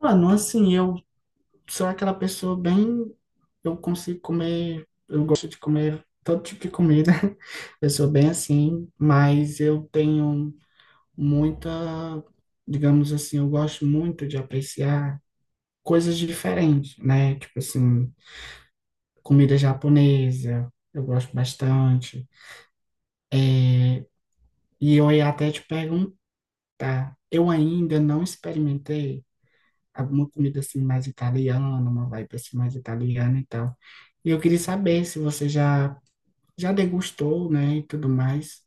Mano, assim, eu sou aquela pessoa bem. Eu consigo comer, eu gosto de comer todo tipo de comida. Eu sou bem assim, mas eu tenho muita, digamos assim, eu gosto muito de apreciar coisas diferentes, né? Tipo assim, comida japonesa, eu gosto bastante. E eu ia até te perguntar, eu ainda não experimentei alguma comida assim mais italiana, uma vibe assim mais italiana e tal. E eu queria saber se você já degustou, né, e tudo mais.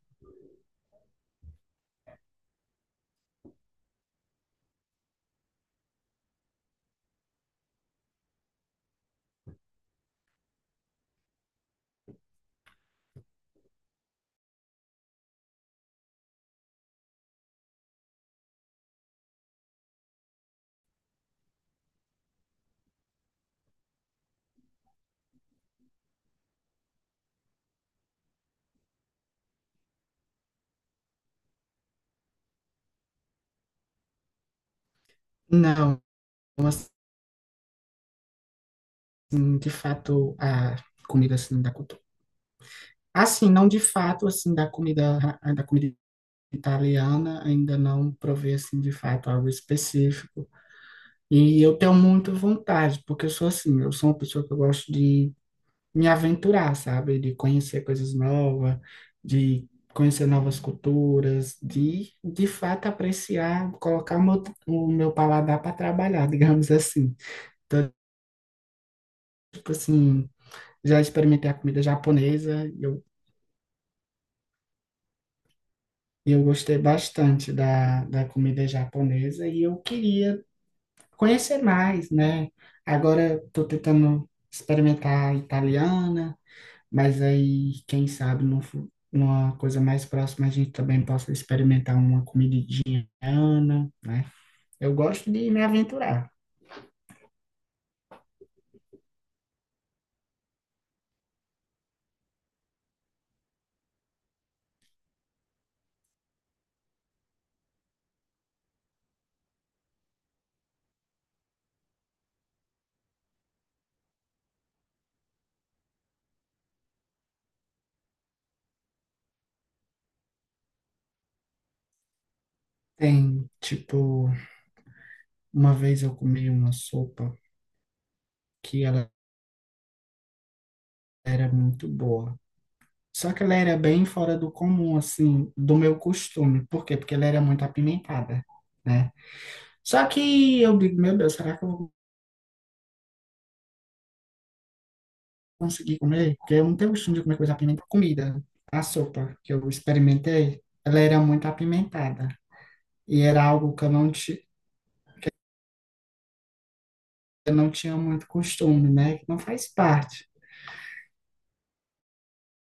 Não, assim, de fato, a comida assim da cultura. Assim, não de fato, assim, da comida italiana, ainda não provei, assim, de fato, algo específico. E eu tenho muito vontade, porque eu sou assim, eu sou uma pessoa que eu gosto de me aventurar, sabe? De conhecer coisas novas, de conhecer novas culturas, de fato apreciar, colocar o meu paladar para trabalhar, digamos assim. Então, tipo assim, já experimentei a comida japonesa, e eu gostei bastante da comida japonesa e eu queria conhecer mais, né? Agora estou tentando experimentar a italiana. Mas aí, quem sabe, numa coisa mais próxima, a gente também possa experimentar uma comidinha indiana, né? Eu gosto de me aventurar. Tem, tipo, uma vez eu comi uma sopa que ela era muito boa. Só que ela era bem fora do comum, assim, do meu costume. Por quê? Porque ela era muito apimentada, né? Só que eu digo, meu Deus, será que eu vou consegui comer, porque eu não tenho costume de comer coisa apimentada. Comida, a sopa que eu experimentei, ela era muito apimentada. E era algo que eu eu não tinha muito costume, né? Que não faz parte.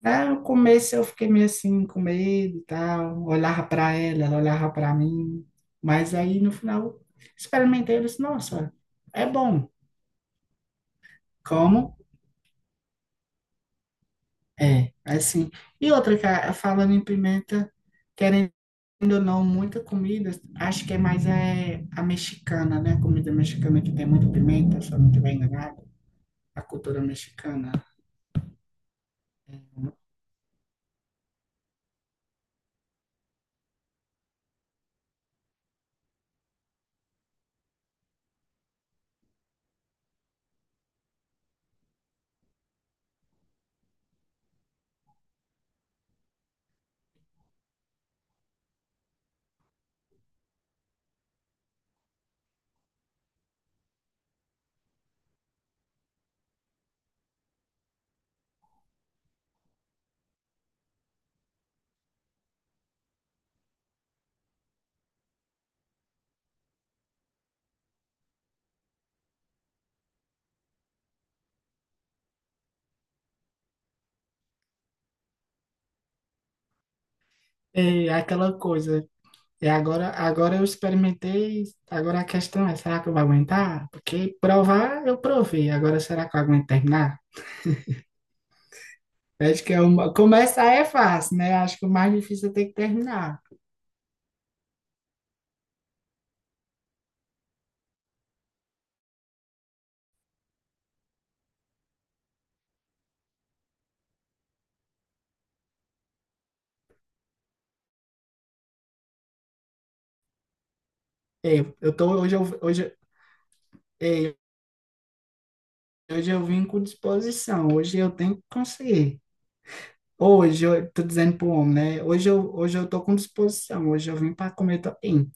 Aí eu comecei, eu fiquei meio assim, com medo e tal. Olhava para ela, ela olhava para mim. Mas aí, no final, eu experimentei, eu disse, nossa, é bom. Como? É, assim. E outra, cara, falando em pimenta, querendo Querendo ou não, muita comida, acho que é mais é, a mexicana, né? A comida mexicana que tem muita pimenta, se eu não estiver enganado. A cultura mexicana. É aquela coisa. E agora eu experimentei, agora a questão é, será que eu vou aguentar? Porque provar, eu provei. Agora, será que eu aguento terminar? Acho que é uma... Começar é fácil, né? Acho que o mais difícil é ter que terminar. É, eu tô, hoje, eu, hoje, é, hoje eu vim com disposição. Hoje eu tenho que conseguir. Hoje, eu tô dizendo pro homem, né? Hoje eu tô com disposição, hoje eu vim para comer também.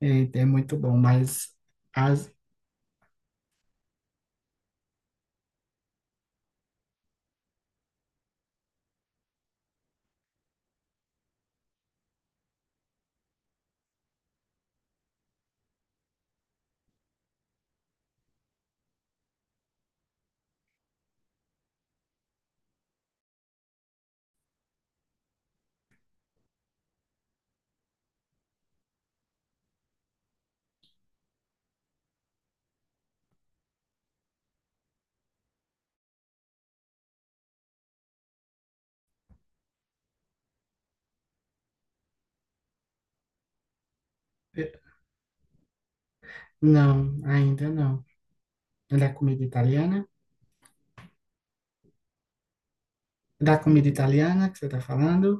É, é muito bom, mas as, eh, não, ainda não. É da comida italiana? Da comida italiana que você tá falando?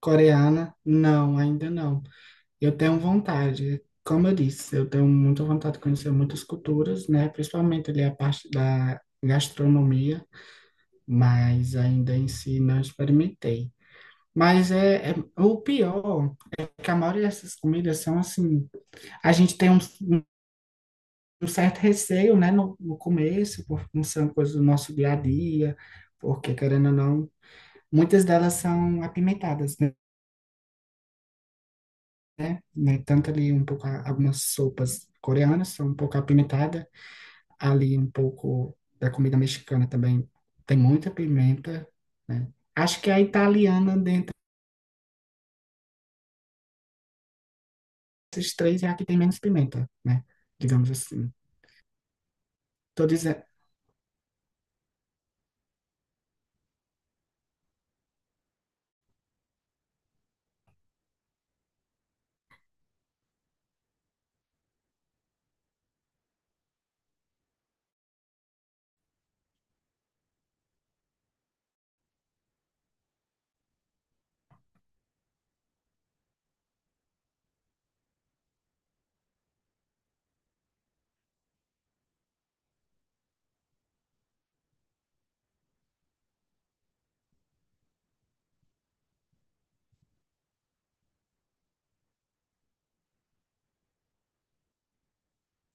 Coreana? Não, ainda não. Eu tenho vontade, como eu disse, eu tenho muita vontade de conhecer muitas culturas, né? Principalmente ali a parte da gastronomia, mas ainda em si não experimentei. Mas é, é o pior. Que a maioria dessas comidas são assim, a gente tem um certo receio, né, no começo, porque não são coisas do nosso dia a dia, porque querendo ou não, muitas delas são apimentadas, né? Né? Tanto ali um pouco, algumas sopas coreanas são um pouco apimentadas, ali um pouco da comida mexicana também tem muita pimenta, né? Acho que a italiana, dentre esses três, é a que tem menos pimenta, né? Digamos assim. Tô dizendo,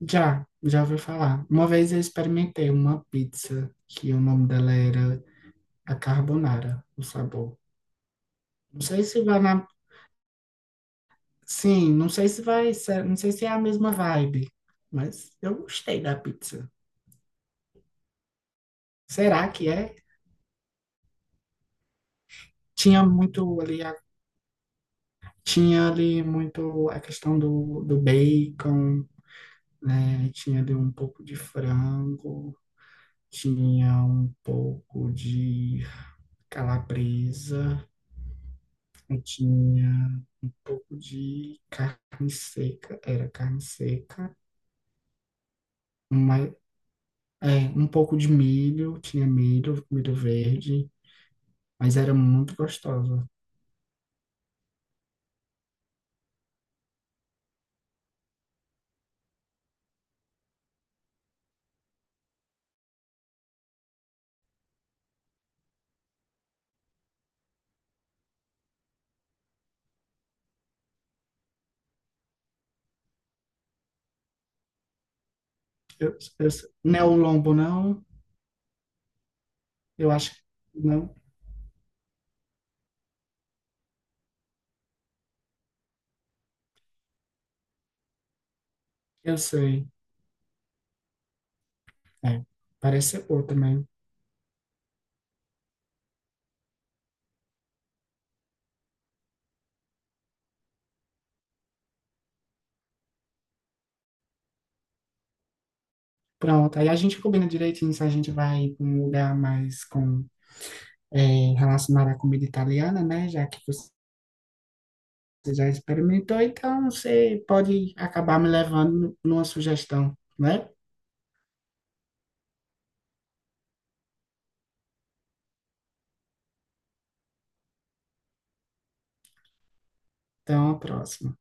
já, já ouvi falar. Uma vez eu experimentei uma pizza que o nome dela era a carbonara, o sabor. Não sei se vai na... Sim, não sei se vai ser, não sei se é a mesma vibe, mas eu gostei da pizza. Será que é? Tinha muito ali, tinha ali muito a questão do, do bacon, né? Tinha ali um pouco de frango, tinha um pouco de calabresa, tinha pouco de carne seca, era carne seca, uma, é, um pouco de milho, tinha milho, milho verde, mas era muito gostosa. Eu, eu, não é o lombo, não? Eu acho que não, eu sei. É, parece ser boa também. Pronto, aí a gente combina direitinho se a gente vai para um lugar mais com, é, relacionado à comida italiana, né? Já que você já experimentou, então você pode acabar me levando numa sugestão, né? Então, a próxima.